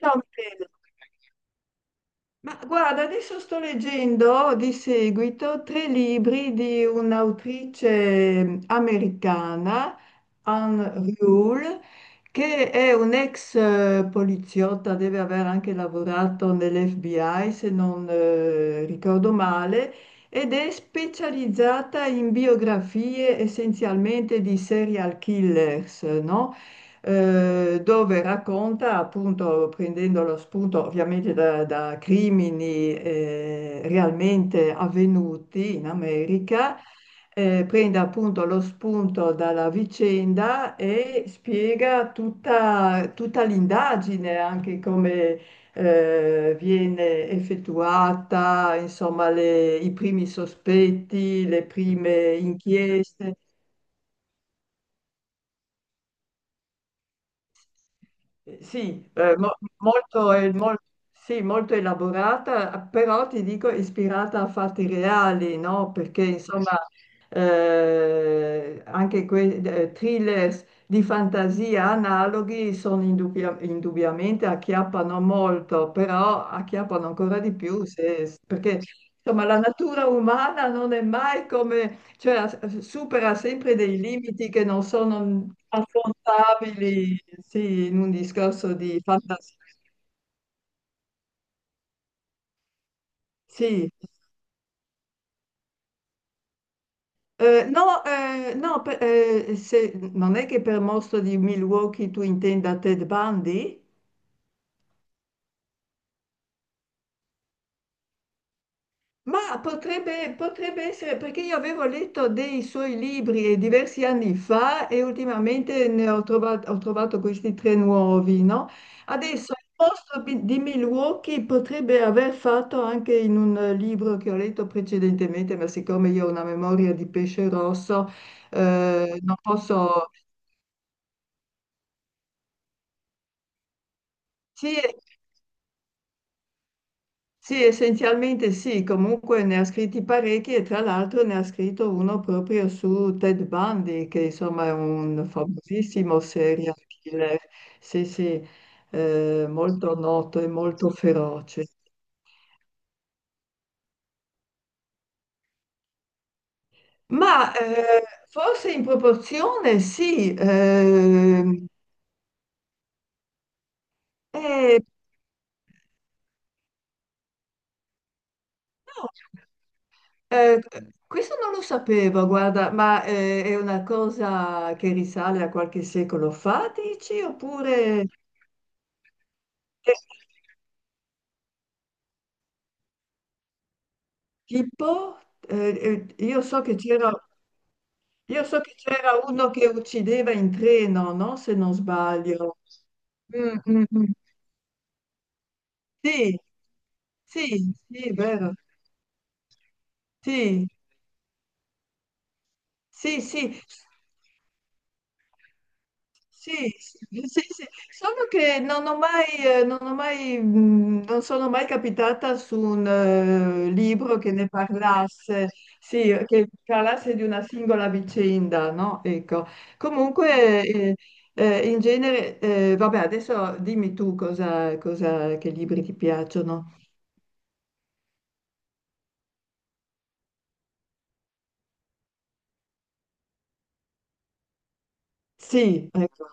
Ciao Michele. Ma guarda, adesso sto leggendo di seguito tre libri di un'autrice americana, Anne Rule, che è un'ex poliziotta, deve aver anche lavorato nell'FBI, se non ricordo male, ed è specializzata in biografie essenzialmente di serial killers, no? Dove racconta, appunto, prendendo lo spunto ovviamente da crimini realmente avvenuti in America, prende appunto lo spunto dalla vicenda e spiega tutta l'indagine, anche come viene effettuata, insomma, i primi sospetti, le prime inchieste. Sì, molto, sì, molto elaborata, però ti dico ispirata a fatti reali, no? Perché insomma anche quei thrillers di fantasia analoghi sono indubbiamente acchiappano molto, però acchiappano ancora di più perché insomma la natura umana non è mai come, cioè, supera sempre dei limiti che non sono affrontabili, sì, in un discorso di fantasia. Sì. No, no, non è che per mostro di Milwaukee tu intenda Ted Bundy? Ma potrebbe essere perché io avevo letto dei suoi libri diversi anni fa e ultimamente ho trovato questi tre nuovi, no? Adesso il posto di Milwaukee potrebbe aver fatto anche in un libro che ho letto precedentemente, ma siccome io ho una memoria di pesce rosso, non posso. Sì, sì, essenzialmente sì, comunque ne ha scritti parecchi e tra l'altro ne ha scritto uno proprio su Ted Bundy, che insomma è un famosissimo serial killer, sì, sì, molto noto e molto feroce. Ma forse in proporzione sì, eh, no, eh, questo non lo sapevo, guarda, ma è una cosa che risale a qualche secolo fa, dici, oppure. Eh, Tipo, eh, eh, io so che c'era io so che c'era uno che uccideva in treno, no? Se non sbaglio. Mm, mm, mm. Sì, sì, sì, vero. Sì, sì, sì. Sì, sì, sì, sì. Solo che non sono mai capitata su un libro che ne parlasse, sì, che parlasse di una singola vicenda, no? Ecco. Comunque, in genere, vabbè, adesso dimmi tu che libri ti piacciono. Sì, ecco.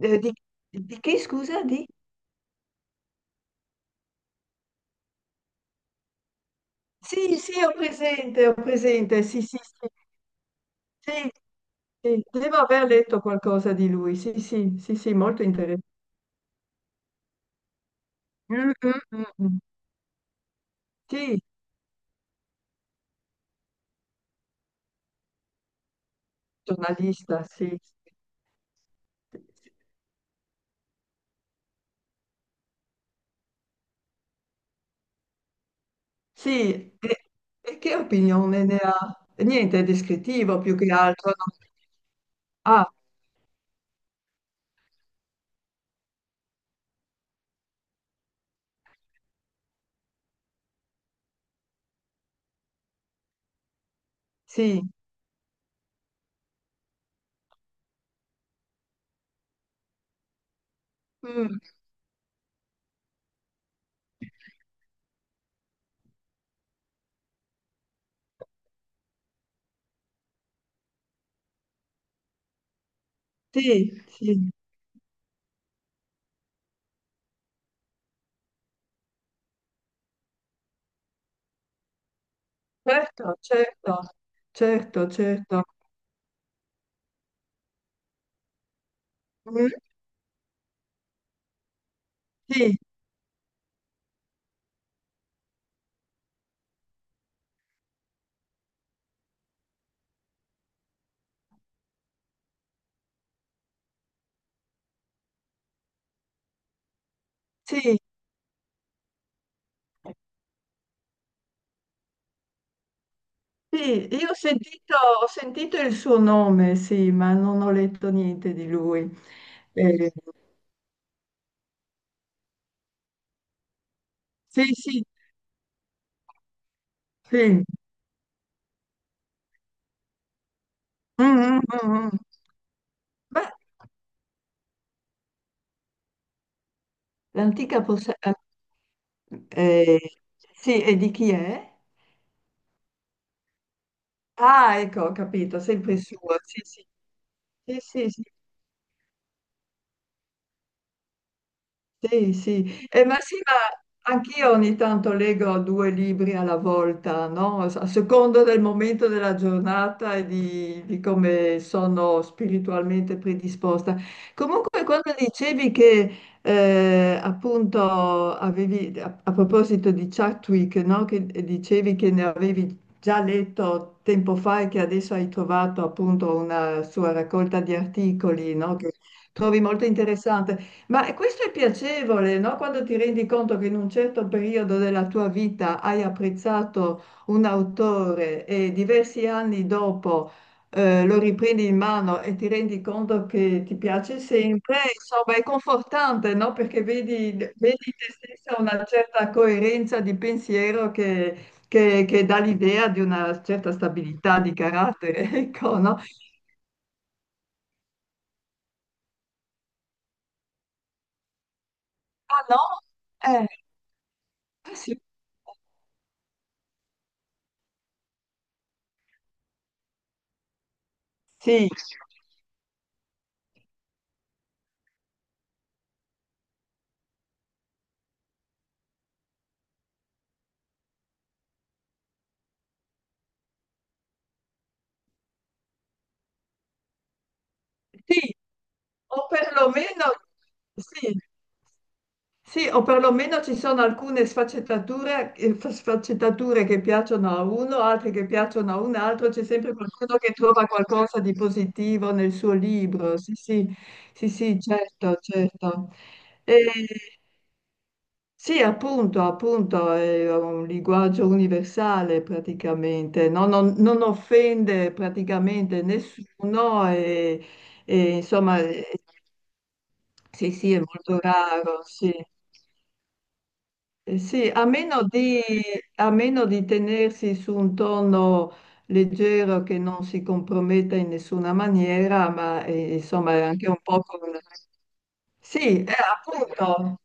Eh, di, di che, scusa, di? Sì, sì, ho presente, sì, sì, sì. Sì, sì, devo aver letto qualcosa di lui, sì, sì, sì, sì, molto interessante. Mm, mm, mm, mm. Sì, giornalista, sì. Sì, e che opinione ne ha? Niente, è descrittivo più che altro, no? Ah, sì, mm, sì, sì, certo, certo, certo, certo. Mm, sì, sì. Sì, io ho sentito, il suo nome, sì, ma non ho letto niente di lui. Eh, sì, sì, sì. Mm, mm, mm, mm. Beh, l'antica possa. Eh, sì, e di chi è? Ah, ecco, ho capito, sempre sua. Sì, sì, sì, sì, sì, sì, sì. Ma sì, ma anch'io ogni tanto leggo due libri alla volta, no? A seconda del momento della giornata e di come sono spiritualmente predisposta. Comunque, quando dicevi che appunto avevi, a proposito di Chadwick, no? Che dicevi che ne avevi già letto tempo fa e che adesso hai trovato appunto una sua raccolta di articoli, no? Che trovi molto interessante. Ma questo è piacevole, no? Quando ti rendi conto che in un certo periodo della tua vita hai apprezzato un autore e diversi anni dopo lo riprendi in mano e ti rendi conto che ti piace sempre, insomma, è confortante, no? Perché vedi te stessa una certa coerenza di pensiero che dà l'idea di una certa stabilità di carattere, ecco, no? Ah no? Eh, ah, sì. Sì, sì, O perlomeno, sì, sì, o perlomeno ci sono alcune sfaccettature, sfaccettature che piacciono a uno, altre che piacciono a un altro, c'è sempre qualcuno che trova qualcosa di positivo nel suo libro. Sì, sì, sì, sì, certo, certo. E, sì, appunto, appunto, è un linguaggio universale praticamente, no? Non offende praticamente nessuno e, insomma. Sì, sì, è molto raro, sì. Sì, a meno di tenersi su un tono leggero che non si comprometta in nessuna maniera, ma insomma è anche un po' con. Sì, appunto,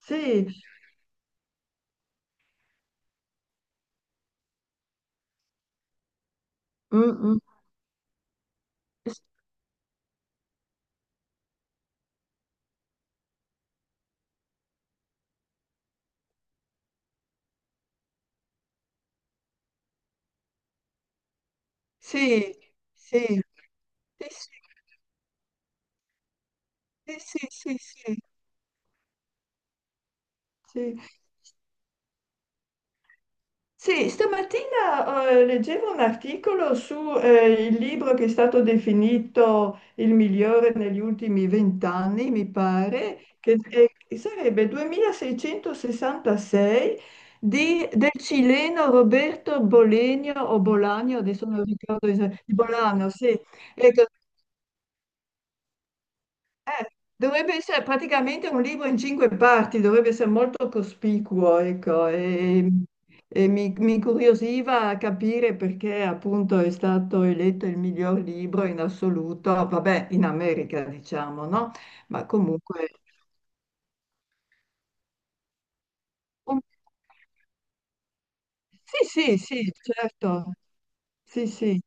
sì, mm, mm, sì, sì, sì, sì, sì, sì, sì, sì, sì. Sì, stamattina leggevo un articolo su il libro che è stato definito il migliore negli ultimi 20 anni, mi pare, che sarebbe 2666 del cileno Roberto Bolenio o Bolagno, adesso non ricordo esattamente, Bolano, sì. Ecco, eh, dovrebbe essere praticamente un libro in cinque parti, dovrebbe essere molto cospicuo, ecco, e mi incuriosiva capire perché appunto è stato eletto il miglior libro in assoluto, vabbè, in America diciamo, no? Ma comunque. un- Sì, sì, sì, certo. Sì, sì.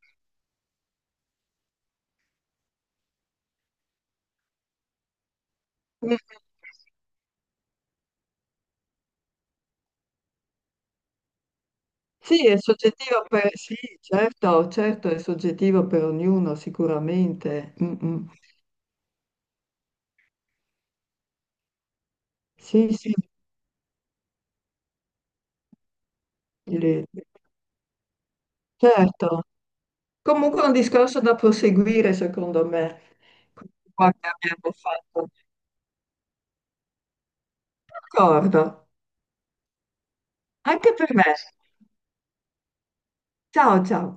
Mm. Sì, è soggettivo per. Sì, certo, certo, è soggettivo per ognuno, sicuramente. Mm, mm. Sì, sì. le- Certo, comunque è un discorso da proseguire secondo me, quello che abbiamo fatto. D'accordo, anche per me. Ciao ciao.